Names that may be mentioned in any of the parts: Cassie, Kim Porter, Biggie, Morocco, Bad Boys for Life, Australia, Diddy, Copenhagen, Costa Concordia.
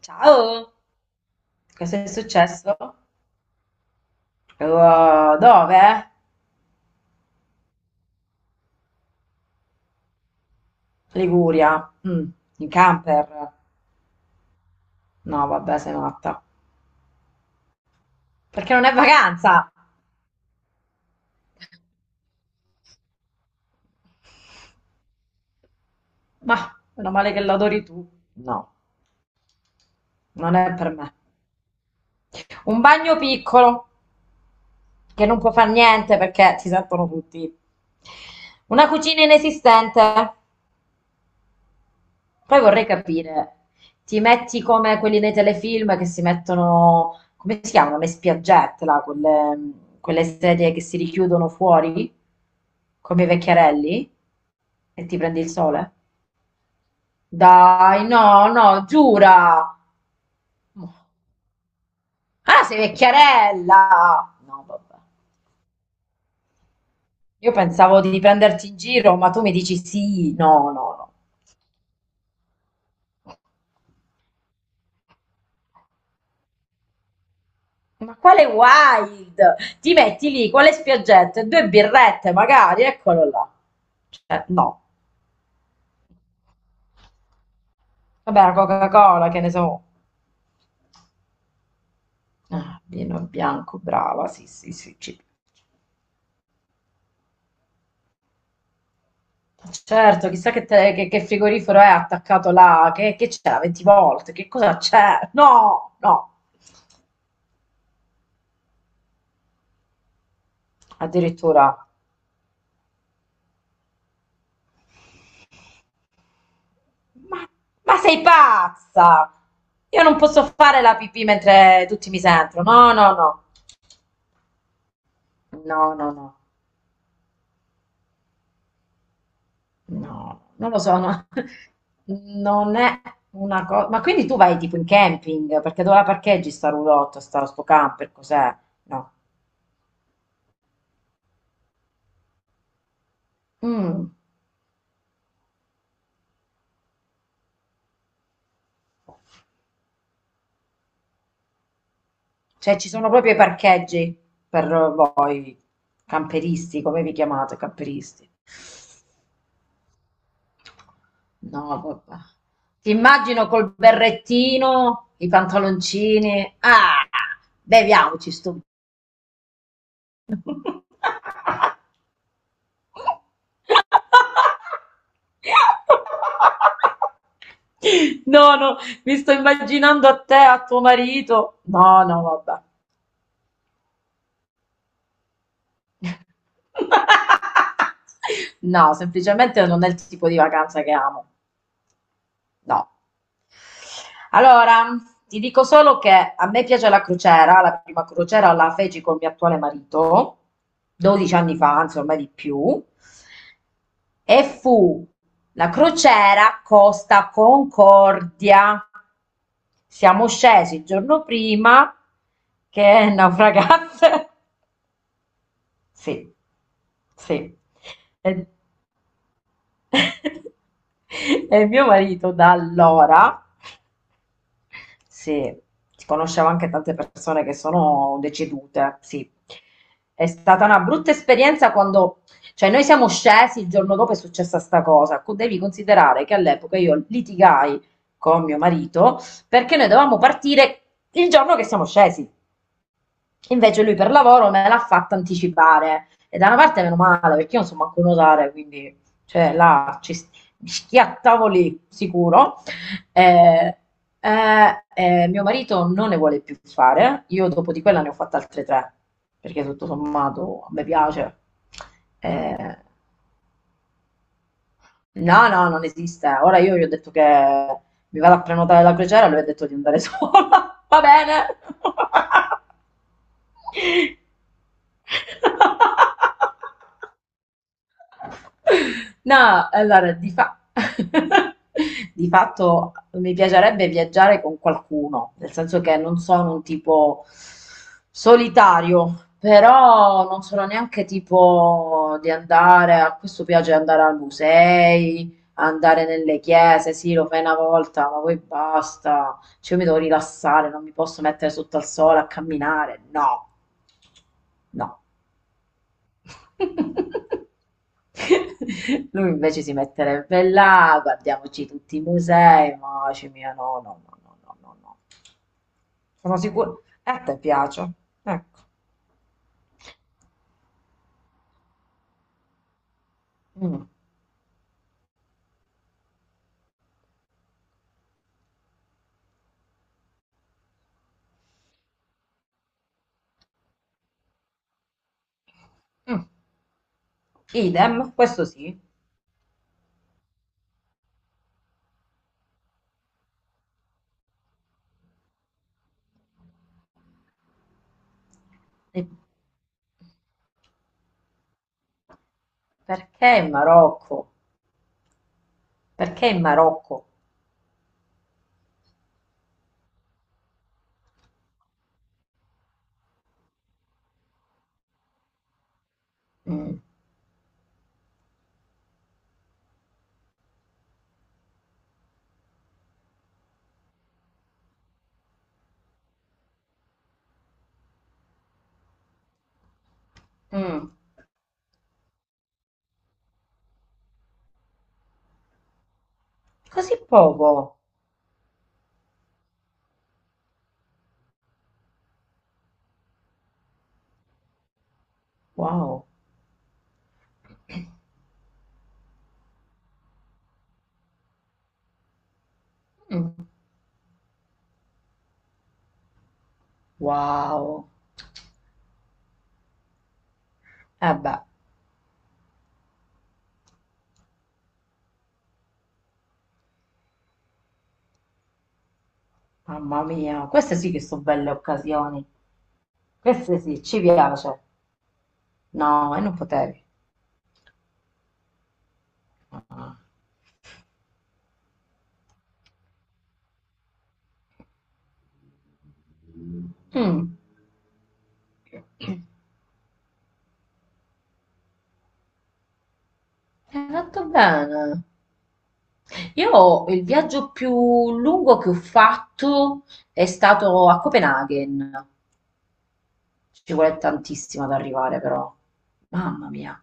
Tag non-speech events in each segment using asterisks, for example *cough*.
Ciao, cosa è successo? Dove? Liguria. Mm. In camper. No, vabbè, sei matta. Perché non è vacanza? Ma, meno male che l'adori tu. No, non è per me. Un bagno piccolo, che non può far niente perché si sentono tutti. Una cucina inesistente. Poi vorrei capire, ti metti come quelli nei telefilm che si mettono, come si chiamano, le spiaggette, là, quelle, quelle sedie che si richiudono fuori, come i vecchiarelli, e ti prendi il sole? Dai, no, no, giura! Ah, sei vecchiarella! No, vabbè. Io pensavo di prenderti in giro, ma tu mi dici sì, no, no, no. Ma quale wild? Ti metti lì con le spiaggette, due birrette magari, eccolo là. Cioè, no. Vabbè, la Coca-Cola, che ne so. Ah, vino bianco, brava, sì, sì, sì. Certo, chissà che, che frigorifero è attaccato là, che c'è 20 volte, che cosa c'è? No, no, addirittura. Ma, ma sei pazza! Io non posso fare la pipì mentre tutti mi sentono. No, no, no. No, no, no. No, non lo so, no. *laughs* Non è una cosa. Ma quindi tu vai tipo in camping? Perché dove la parcheggi sta roulotte, sta sto camper? Cos'è? No. Mm. Cioè ci sono proprio i parcheggi per voi, camperisti, come vi chiamate, camperisti? No, vabbè. Ti immagino col berrettino, i pantaloncini. Ah, beviamoci sto. *laughs* No, no, mi sto immaginando a te, a tuo marito. No, no, vabbè. *laughs* No, semplicemente non è il tipo di vacanza che amo. No. Allora, ti dico solo che a me piace la crociera, la prima crociera la feci col mio attuale marito 12 anni fa, anzi ormai di più, e fu la crociera Costa Concordia. Siamo scesi il giorno prima che naufragasse. Sì, sì. E, *laughs* e mio marito da allora. Sì, conoscevo anche tante persone che sono decedute, sì. È stata una brutta esperienza quando, cioè noi siamo scesi, il giorno dopo è successa sta cosa. Devi considerare che all'epoca io litigai con mio marito perché noi dovevamo partire il giorno che siamo scesi. Invece lui per lavoro me l'ha fatta anticipare. E da una parte meno male, perché io non so manco nuotare, quindi cioè, là mi schiattavo lì, sicuro. Eh, mio marito non ne vuole più fare. Io dopo di quella ne ho fatte altre tre, perché tutto sommato a me piace. Eh, No, no, non esiste. Ora io gli ho detto che mi vado a prenotare la crociera, lui ha detto di andare sola. *laughs* Va bene. *laughs* *laughs* No, allora, *laughs* di fatto mi piacerebbe viaggiare con qualcuno, nel senso che non sono un tipo solitario, però non sono neanche tipo di andare, a questo piace andare ai musei, andare nelle chiese, sì, lo fai una volta, ma poi basta, cioè io mi devo rilassare, non mi posso mettere sotto al sole a camminare, no, no. *laughs* Lui invece si metterebbe là, guardiamoci tutti i musei, ma dice mia no, no, no, no, no, no, no. Sono sicura. E a te piace? Ecco. Mm. Mm. Idem, questo sì. E Perché in Marocco? Perché in Marocco? Mm. Mm. Così poco? Wow. Mm. Wow. Eh beh, mamma mia, queste sì che sono belle occasioni. Queste sì, ci piace. No, e non potevi. Ah. Mm, hai fatto bene. Io il viaggio più lungo che ho fatto è stato a Copenaghen. Ci vuole tantissimo ad arrivare, però. Mamma mia.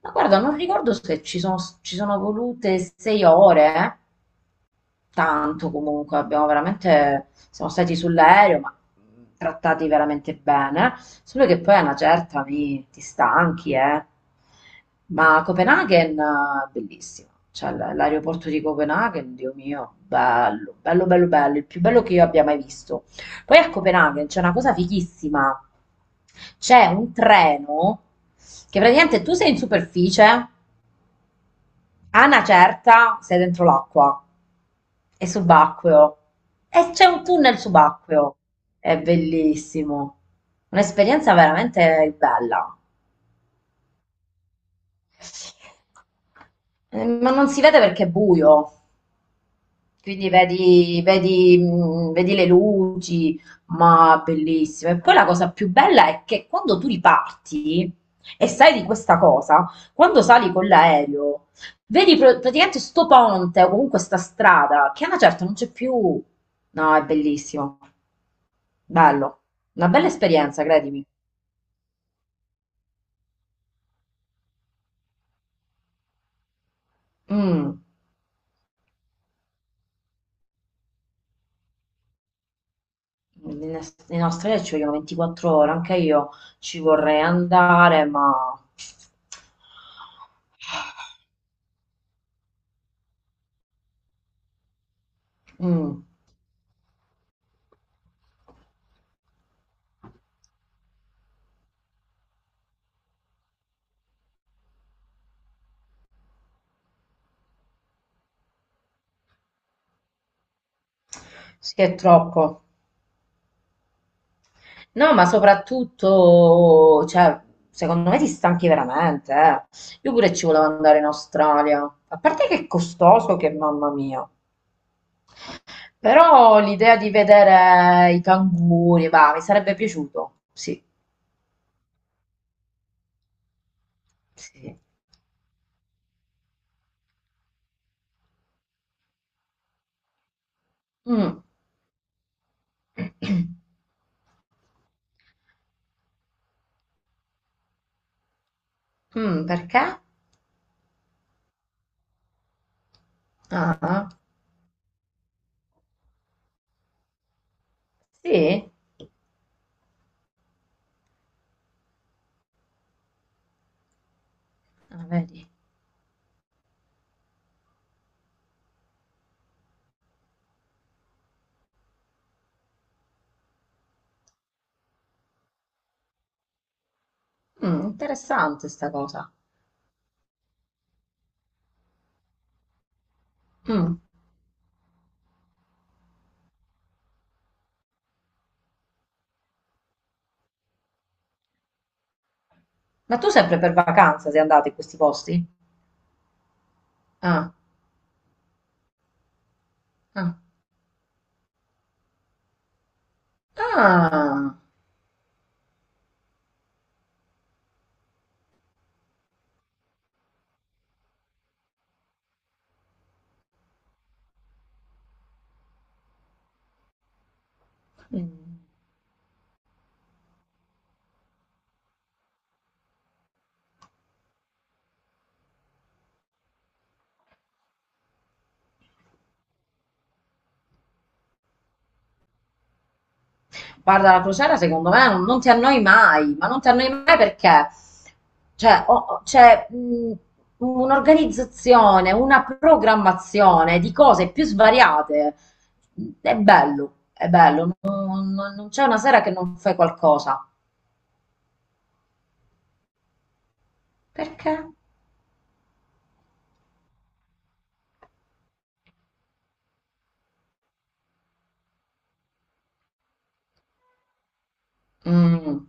Ma guarda, non ricordo se ci sono volute sei ore, eh. Tanto comunque, siamo stati sull'aereo, ma trattati veramente bene, solo che poi a una certa ti stanchi, eh. Ma Copenaghen, bellissima, cioè l'aeroporto di Copenaghen, Dio mio, bello, bello, bello, bello, il più bello che io abbia mai visto. Poi a Copenaghen c'è una cosa fighissima, c'è un treno che praticamente tu sei in superficie, a una certa sei dentro l'acqua. È subacqueo. E c'è un tunnel subacqueo. È bellissimo. Un'esperienza veramente bella. Ma non si vede perché è buio, quindi vedi le luci, ma bellissimo. E poi la cosa più bella è che quando tu riparti e sai di questa cosa, quando sali con l'aereo, vedi praticamente sto ponte o comunque sta strada che a una certa non c'è più. No, è bellissimo. Bello, una bella esperienza, credimi. Mm, in Australia ci vogliono 24 ore, anche io ci vorrei andare, ma mm, sì, è troppo. No, ma soprattutto, cioè, secondo me ti stanchi veramente, eh. Io pure ci volevo andare in Australia, a parte che è costoso, che mamma mia. Però l'idea di vedere i canguri, va, mi sarebbe piaciuto. Sì, sì. Mm. *clears throat* Mm, perché? Ah, sì? Ah, vedi. Mm, interessante sta cosa. Mm. Ma tu sempre per vacanza sei andato in questi posti? Ah, ah. Ah. Mm. Guarda, la crociera secondo me non ti annoi mai, ma non ti annoi mai perché cioè, c'è un'organizzazione, una programmazione di cose più svariate. È bello, non c'è una sera che non fai qualcosa. Perché? Mm,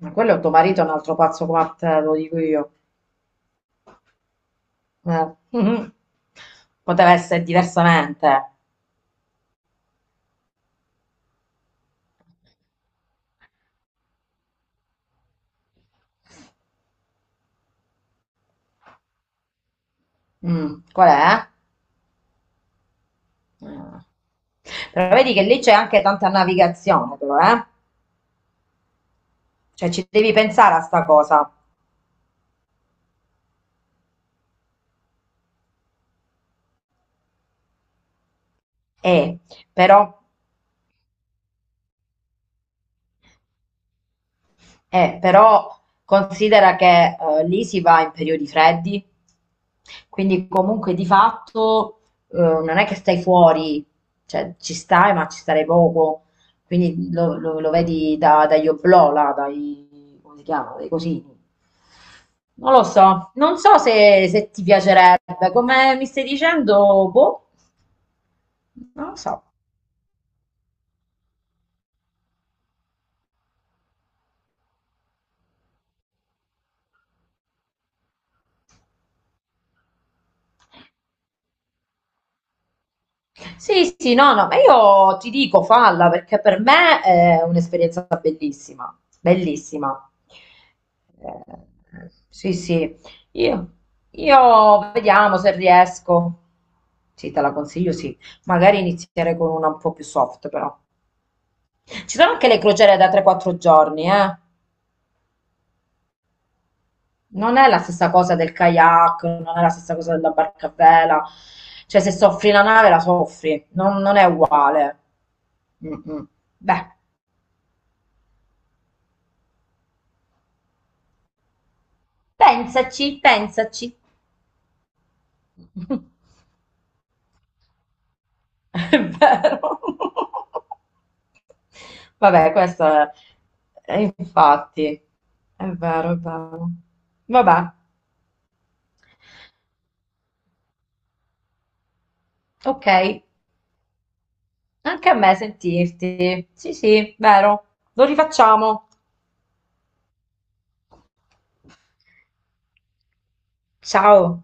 ma quello è tuo marito, è un altro pazzo come te, te lo dico io. Mhm. Poteva essere diversamente. Mm, qual è? Eh. Però vedi che lì c'è anche tanta navigazione, però, eh? Cioè ci devi pensare a sta cosa. E però però considera che lì si va in periodi freddi, quindi comunque di fatto non è che stai fuori, cioè ci stai, ma ci starei poco. Quindi lo vedi dagli oblò, là, dai, come si chiama, dai cosini. Non lo so, non so se ti piacerebbe, come mi stai dicendo, boh, non lo so. Sì, sì, no, no, ma io ti dico falla perché per me è un'esperienza bellissima, bellissima. Sì, sì, io, io vediamo se riesco. Sì, te la consiglio, sì. Magari iniziare con una un po' più soft, però. Ci sono anche le crociere da 3-4 giorni, eh. Non è la stessa cosa del kayak, non è la stessa cosa della barca a vela. Cioè, se soffri la nave, la soffri. Non è uguale. Mm-mm. Beh, pensaci, pensaci. *laughs* È vero. *laughs* Vabbè, questo è infatti. È vero, è vero. Vabbè, ok. Anche a me sentirti. Sì, sì, vero. Lo rifacciamo. Ciao.